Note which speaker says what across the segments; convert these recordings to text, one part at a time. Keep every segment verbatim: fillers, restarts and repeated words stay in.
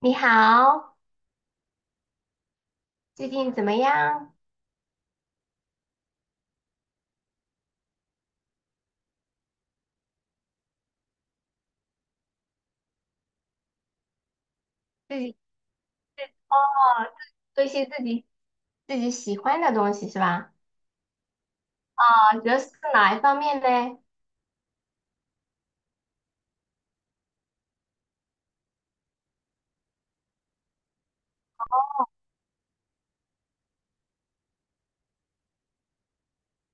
Speaker 1: 你好，最近怎么样？自己哦，做一些自己自己喜欢的东西是吧？啊，主要是哪一方面呢？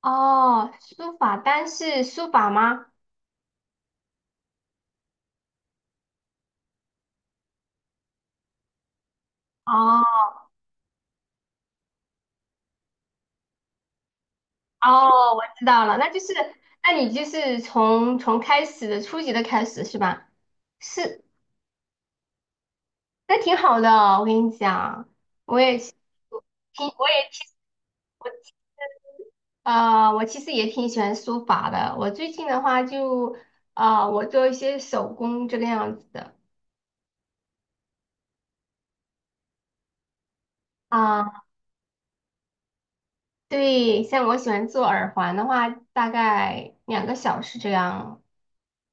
Speaker 1: 哦，书法，单是书法吗？哦哦，我知道了，那就是，那你就是从从开始的初级的开始是吧？是，那挺好的哦，我跟你讲，我也挺我也挺我其实，呃，我其实也挺喜欢书法的。我最近的话就，啊，我做一些手工这个样子的啊。对，像我喜欢做耳环的话，大概两个小时这样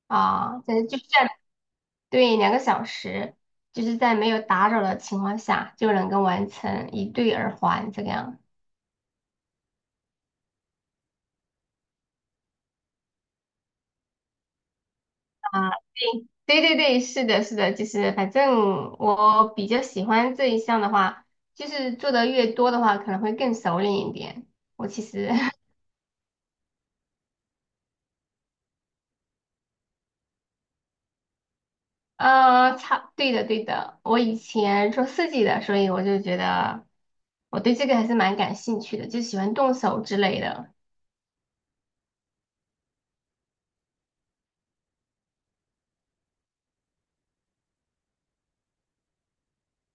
Speaker 1: 啊，在就是在对两个小时，就是在没有打扰的情况下就能够完成一对耳环这个样。啊，对对对对，是的，是的，就是反正我比较喜欢这一项的话，就是做的越多的话，可能会更熟练一点。我其实，呃，差，对的对的，我以前做设计的，所以我就觉得我对这个还是蛮感兴趣的，就喜欢动手之类的。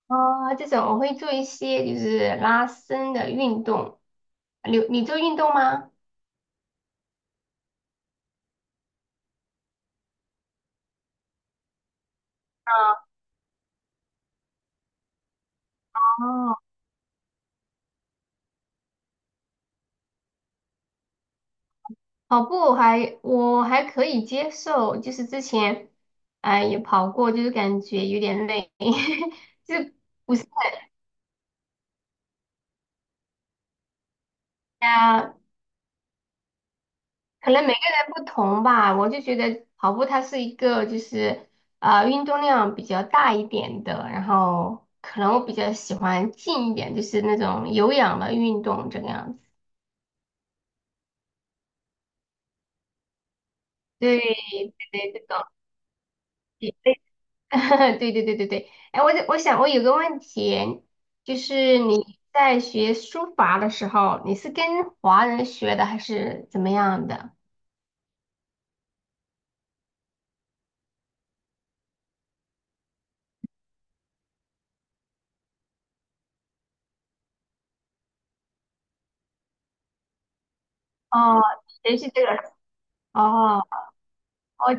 Speaker 1: 啊，这种我会做一些就是拉伸的运动。你你做运动吗？啊哦，跑步我还我还可以接受，就是之前哎、也跑过，就是感觉有点累，就是不是啊，可能每个人不同吧。我就觉得跑步它是一个就是呃运动量比较大一点的，然后可能我比较喜欢静一点，就是那种有氧的运动这个样子。对对对，这种。对对对对对，哎，我就我想我有个问题，就是你在学书法的时候，你是跟华人学的还是怎么样的？哦，学习这个，哦，我哦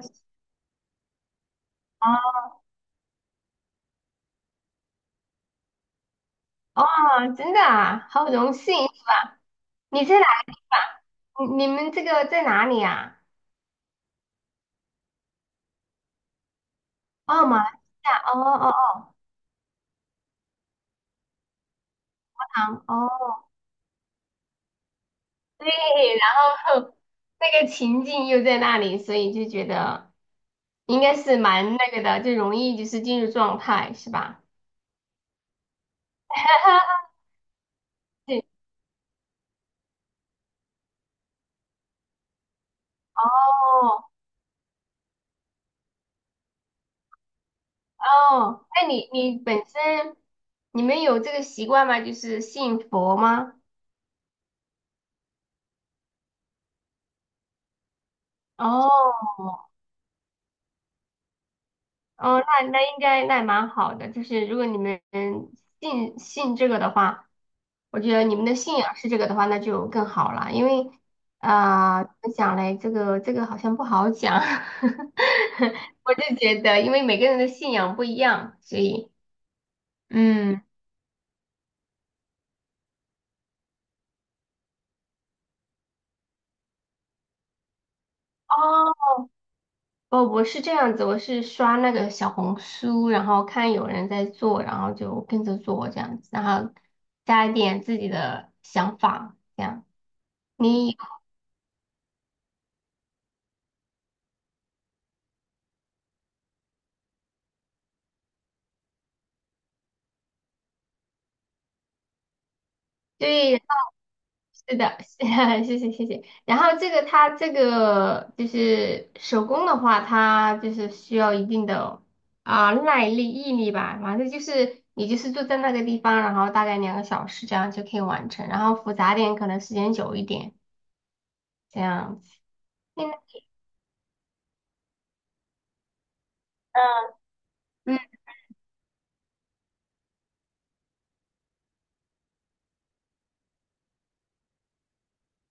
Speaker 1: 哦，真的啊，好荣幸！你在哪个地方？你你们这个在哪里啊？哦，马来西亚，哦哦哦，啊哦，对，然后那个情境又在那里，所以就觉得。应该是蛮那个的，就容易就是进入状态，是吧？对，哦哦，那你你本身你们有这个习惯吗？就是信佛吗？哦哦，那那应该那蛮好的，就是如果你们信信这个的话，我觉得你们的信仰是这个的话，那就更好了，因为啊、怎么讲嘞？这个这个好像不好讲，我就觉得因为每个人的信仰不一样，所以。嗯，哦，哦，我是这样子，我是刷那个小红书，然后看有人在做，然后就跟着做这样子，然后加一点自己的想法，这样。你对，然后是的，谢谢谢谢。然后这个它这个就是手工的话，它就是需要一定的啊、耐力、毅力吧，反正就是你就是坐在那个地方，然后大概两个小时这样就可以完成，然后复杂点可能时间久一点这样。嗯嗯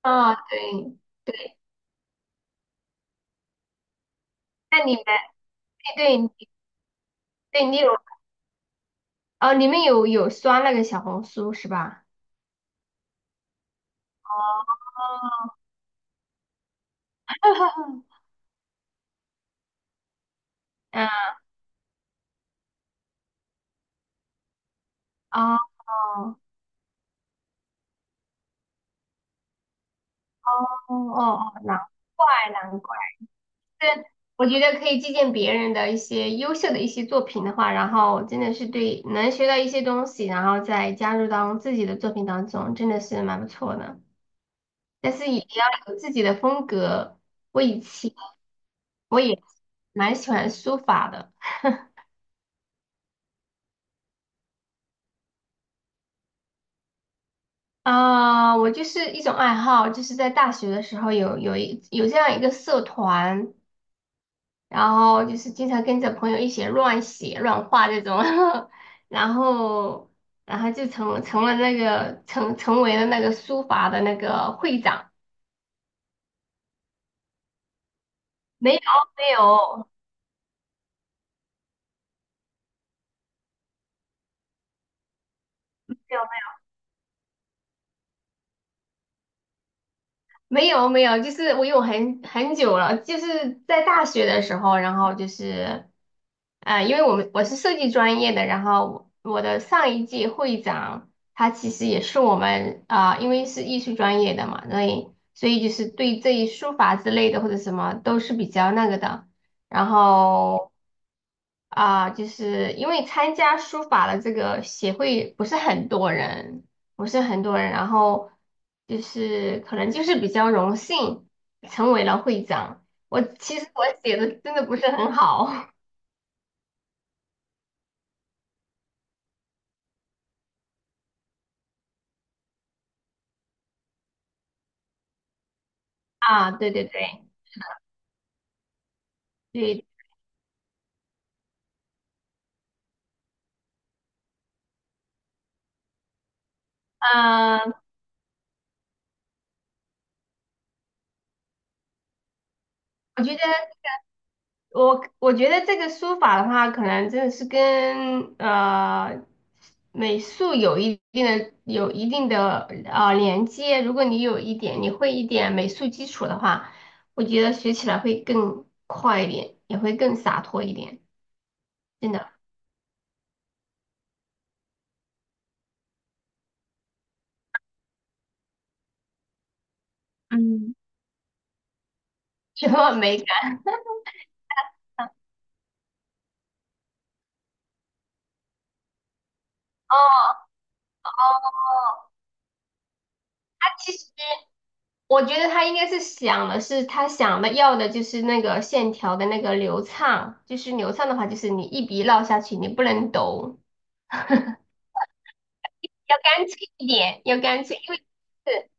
Speaker 1: 啊，对对，那你们对对对你有哦，你们有有刷那个小红书是吧？哦，嗯哦哦哦哦，难怪难怪，这我觉得可以借鉴别人的一些优秀的一些作品的话，然后真的是对能学到一些东西，然后再加入到自己的作品当中，真的是蛮不错的。但是也要有自己的风格。我以前我也蛮喜欢书法的。啊、我就是一种爱好，就是在大学的时候有有一有这样一个社团，然后就是经常跟着朋友一起乱写乱画这种，然后然后就成成了那个成成为了那个书法的那个会长，没有没有。没有没有，就是我有很很久了，就是在大学的时候，然后就是，呃，因为我们我是设计专业的，然后我我的上一届会长他其实也是我们啊、因为是艺术专业的嘛，所以所以就是对这一书法之类的或者什么都是比较那个的，然后啊，就是因为参加书法的这个协会不是很多人，不是很多人，然后就是可能就是比较荣幸成为了会长。我其实我写的真的不是很好 啊，对对对对，嗯，我觉得。我我觉得这个书法的话，可能真的是跟呃美术有一定的有一定的呃连接。如果你有一点，你会一点美术基础的话，我觉得学起来会更快一点，也会更洒脱一点。真的，嗯，什么美感？哦哦，其实我觉得他应该是想的是他想的要的就是那个线条的那个流畅，就是流畅的话，就是你一笔落下去，你不能抖。要干脆一点，要干脆，因为是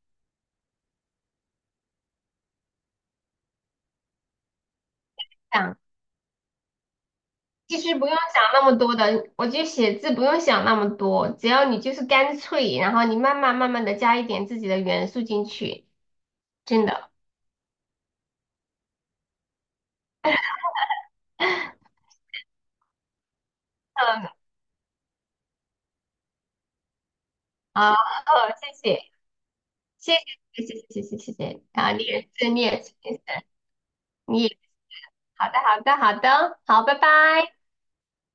Speaker 1: 这样其实不用想那么多的，我觉得写字不用想那么多，只要你就是干脆，然后你慢慢慢慢的加一点自己的元素进去，真的，嗯，啊，哦，谢谢，谢谢，谢谢，谢谢，谢谢，啊，你也是，你也是，你也是，你也好的，好的，好的，好，拜拜。